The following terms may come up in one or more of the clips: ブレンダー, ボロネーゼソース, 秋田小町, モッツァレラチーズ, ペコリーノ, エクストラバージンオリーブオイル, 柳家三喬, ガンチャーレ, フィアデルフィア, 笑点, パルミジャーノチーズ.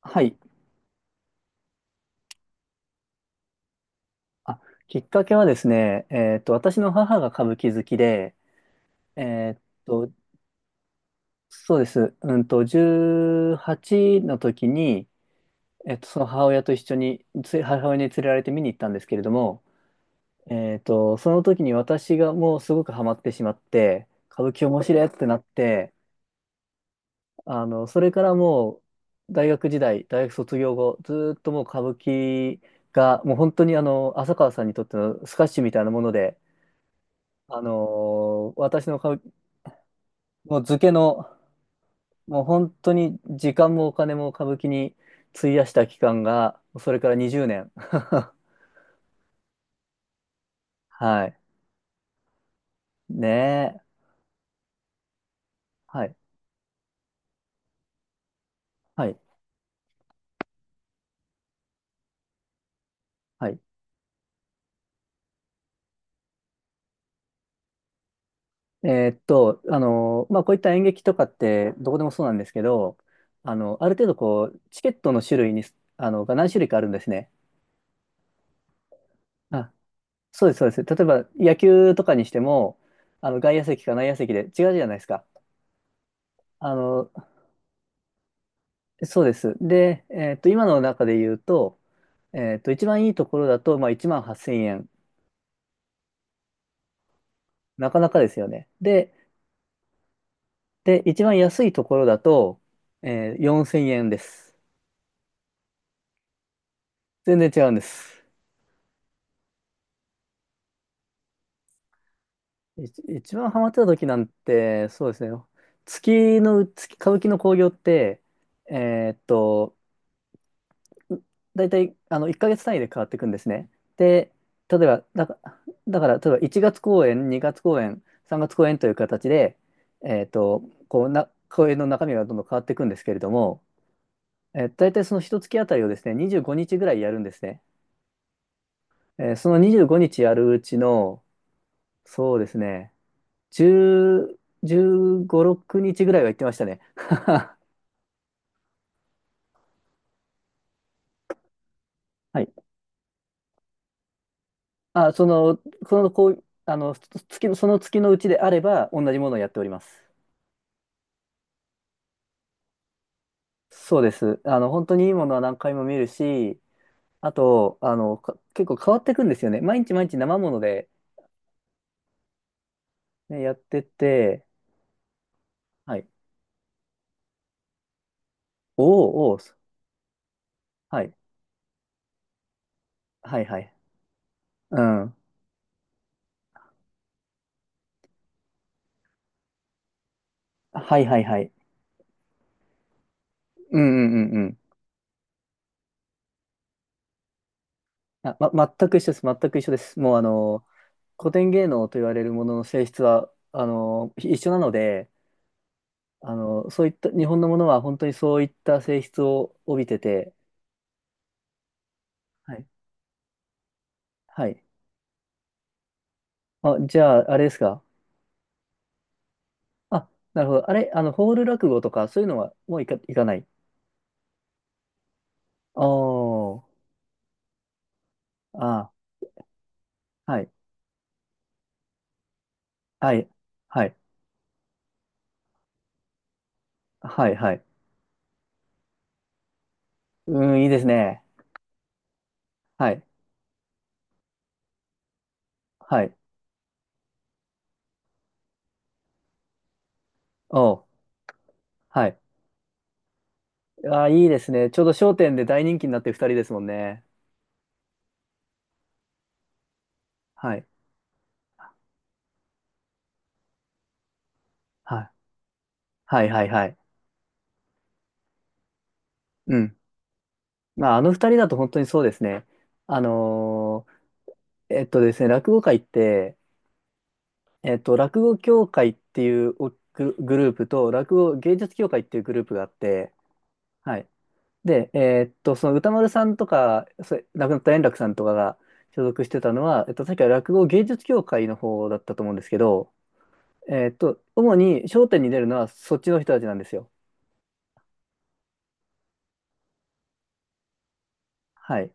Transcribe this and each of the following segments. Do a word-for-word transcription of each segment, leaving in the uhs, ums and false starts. はい。あ、きっかけはですね、えっと、私の母が歌舞伎好きで、えっと、そうです。うんと、じゅうはちの時に、えっと、その母親と一緒に、つ母親に連れられて見に行ったんですけれども、えっと、その時に私がもうすごくハマってしまって、歌舞伎面白いってなって、あの、それからもう、大学時代、大学卒業後、ずーっともう歌舞伎が、もう本当にあの、浅川さんにとってのスカッシュみたいなもので、あのー私の歌舞もう漬けの、もう本当に時間もお金も歌舞伎に費やした期間が、それからにじゅうねん。はい。ねえ。はい。はい。はい。えーっと、あのーまあ、こういった演劇とかって、どこでもそうなんですけど、あの、ある程度こう、チケットの種類に、あの、が何種類かあるんですね。あ、そうです、そうです。例えば、野球とかにしても、あの、外野席か内野席で違うじゃないですか。あの、そうです。で、えっと、今の中で言うと、えっと、一番いいところだと、まあ、いちまんはっせんえん。なかなかですよね。で、で、一番安いところだと、えー、よんせんえんです。全然違うんです。いち一番ハマってた時なんて、そうですね。月の、月、歌舞伎の興行って、えっと、大体あのいっかげつ単位で変わっていくんですね。で、例えば、だか、だから例えばいちがつ公演、にがつ公演、さんがつ公演という形で、えーと、こうな公演の中身がどんどん変わっていくんですけれども、えー、大体そのいっかげつあたりをですね、にじゅうごにちぐらいやるんですね。えーそのにじゅうごにちやるうちの、そうですね、じゅう、じゅうご、ろくにちぐらいは行ってましたね。はい。あ、その、その、こう、あの、月の、その月のうちであれば、同じものをやっております。そうです。あの、本当にいいものは何回も見るし、あと、あの、か結構変わっていくんですよね。毎日毎日生もので、ね、やってって、はい。おーおー、そはい。はいはい。うん。はいはいはい。うんうんうんうん。あ、ま、全く一緒です。全く一緒です。もうあの、古典芸能と言われるものの性質は、あの、一緒なので、あの、そういった、日本のものは本当にそういった性質を帯びてて、はい。はい。あ、じゃあ、あれですか？あ、なるほど。あれ、あの、ホール落語とか、そういうのはもういか、いかない。おー、あー、はい、はい、はい、はい、はい。うーん、いいですね。はい、はい、おー、はい。あー、いいですね。ちょうど笑点で大人気になってる二人ですもんね。はい、はい、はい、はい、はい。うん。まあ、あの二人だと本当にそうですね。あのーえっとですね、落語界って、えっと、落語協会っていうおグルグループと、落語芸術協会っていうグループがあって、はい。で、えーっと、その歌丸さんとか、それ亡くなった円楽さんとかが所属してたのは、えっと、確か落語芸術協会の方だったと思うんですけど、えーっと、主に笑点に出るのはそっちの人たちなんですよ。はい。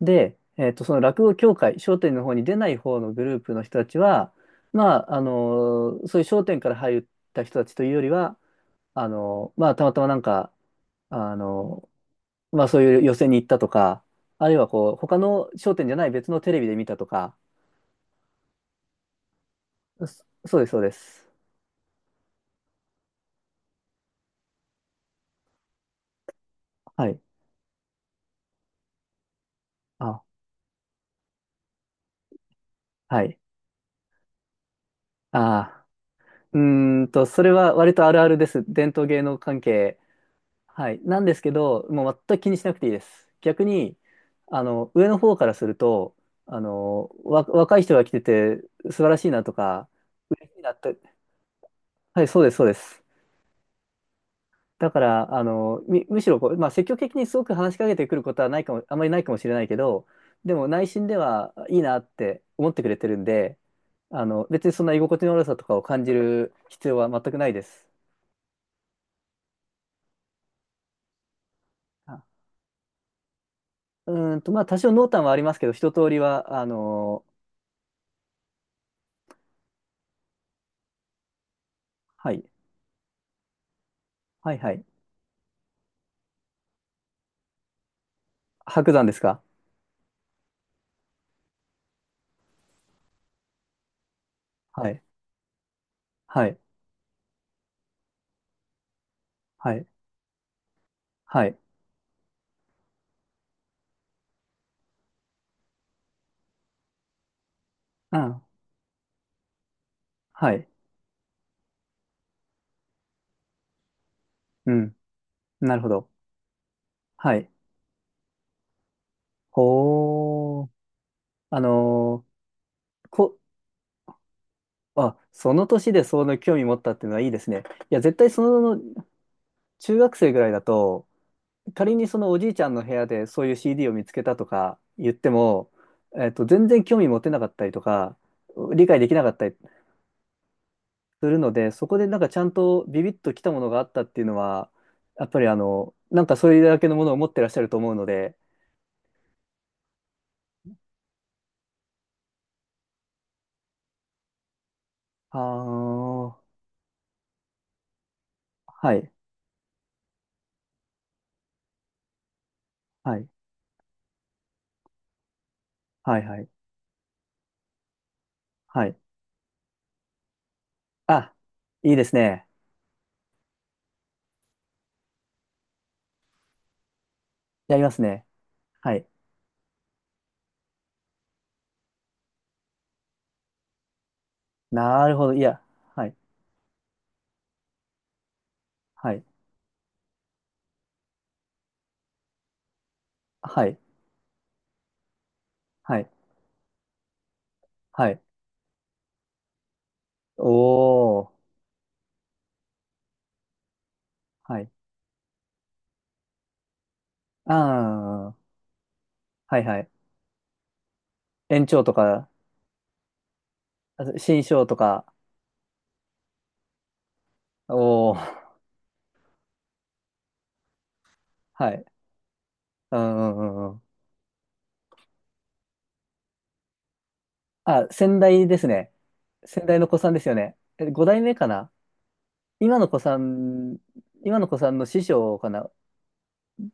で、えーっと、その落語協会、笑点の方に出ない方のグループの人たちは、まあ、あのーそういう笑点から入った人たちというよりは、あのーまあ、たまたまなんか、あのーまあ、そういう寄席に行ったとか、あるいはこう、他の笑点じゃない別のテレビで見たとか、そそうです、そうです。はい。あ、はい。あー、うーんと、それは割とあるあるです。伝統芸能関係。はい。なんですけど、もう全く気にしなくていいです。逆に、あの、上の方からすると、あの、わ、若い人が来てて素晴らしいなとか、嬉しいなって。はい、そうです、そうです。だから、あの、み、むしろこう、まあ、積極的にすごく話しかけてくることはないかも、あまりないかもしれないけど、でも内心ではいいなって思ってくれてるんで、あの、別にそんな居心地の悪さとかを感じる必要は全くないです。あうーんと、まあ、多少濃淡はありますけど、一通りは、あの、はい、はいはい。白山ですか？はい、はい、はい、はい、うん、はい、うん、なるほど。はい。ほー、あの、こ、あ、その年でその興味持ったっていうのはいいですね。いや、絶対その中学生ぐらいだと、仮にそのおじいちゃんの部屋でそういう シーディー を見つけたとか言っても、えっと、全然興味持てなかったりとか、理解できなかったりするので、そこでなんかちゃんとビビッときたものがあったっていうのは、やっぱりあの、なんかそれだけのものを持ってらっしゃると思うので、あー、はい、はい、はい、はい、はい。あ、いいですね。やりますね。はい。なるほど。いや、はい。はい。はい。はい。はい。おー。はい。ああ。はいはい。延長とか、あ新章とか。おー。はい。うんうんうんうん。あ、先代ですね。先代の子さんですよね。え、ご代目かな。今の子さん、今の子さん、の師匠かな、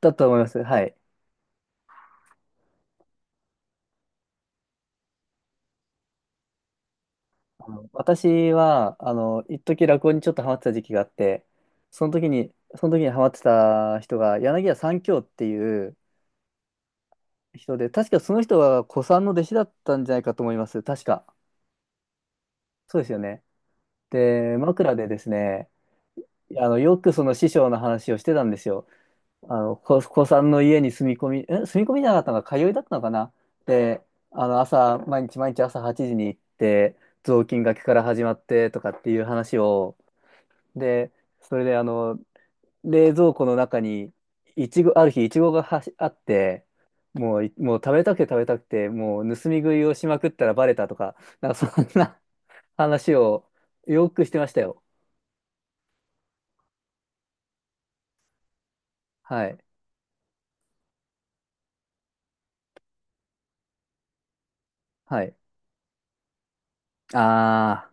だと思います。はい。あの私は、あの、一時落語にちょっとハマってた時期があって、その時に、その時にハマってた人が、柳家三喬っていう、人で、確かその人は古参の弟子だったんじゃないかと思います。確か。そうですよね。で、枕でですね、あの、よくその師匠の話をしてたんですよ。あの、古古参の家に住み込み、え、住み込みじゃなかったのか、通いだったのかな。で、あの、朝、毎日毎日朝はちじに行って、雑巾がけから始まってとかっていう話を、で、それであの、冷蔵庫の中に、いちご、ある日、いちごがはしあって、もうい、もう食べたくて食べたくて、もう盗み食いをしまくったらバレたとか、なんかそんな 話をよくしてましたよ。はい。はい。あ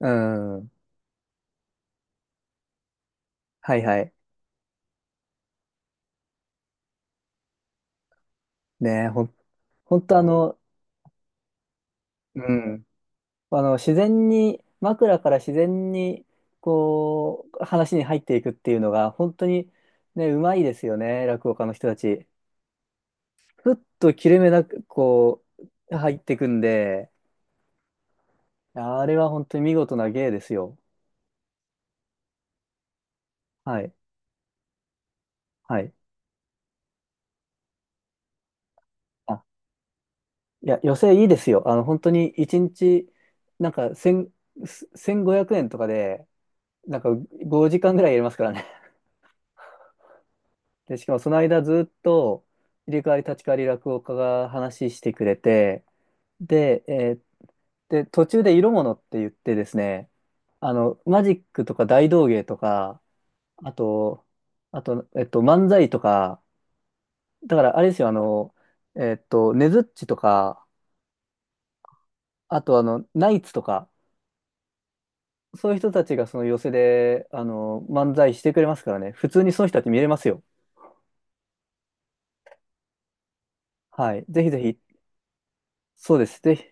あ、うん。はいはい。ねえ、ほん、ほんとあの、うん。あの、自然に、枕から自然に、こう、話に入っていくっていうのが、本当にね、うまいですよね、落語家の人たち。ふっと切れ目なく、こう、入ってくんで、あれは本当に見事な芸ですよ。はい。はい。あ、いや、寄席いいですよ。あの、本当にいちにち、なんか、千、せんごひゃくえんとかで、なんかごじかんぐらいやりますからね。で、しかもその間ずっと、入れ替わり立ち替わり落語家が話してくれて、で、えーで、途中で色物って言ってですね、あの、マジックとか大道芸とか、あと、あと、えっと、漫才とか、だからあれですよ、あの、えっと、ねづっちとか、あとあの、ナイツとか、そういう人たちがその寄席で、あの、漫才してくれますからね、普通にその人たち見れますよ。はい。ぜひぜひ、そうです。ぜひ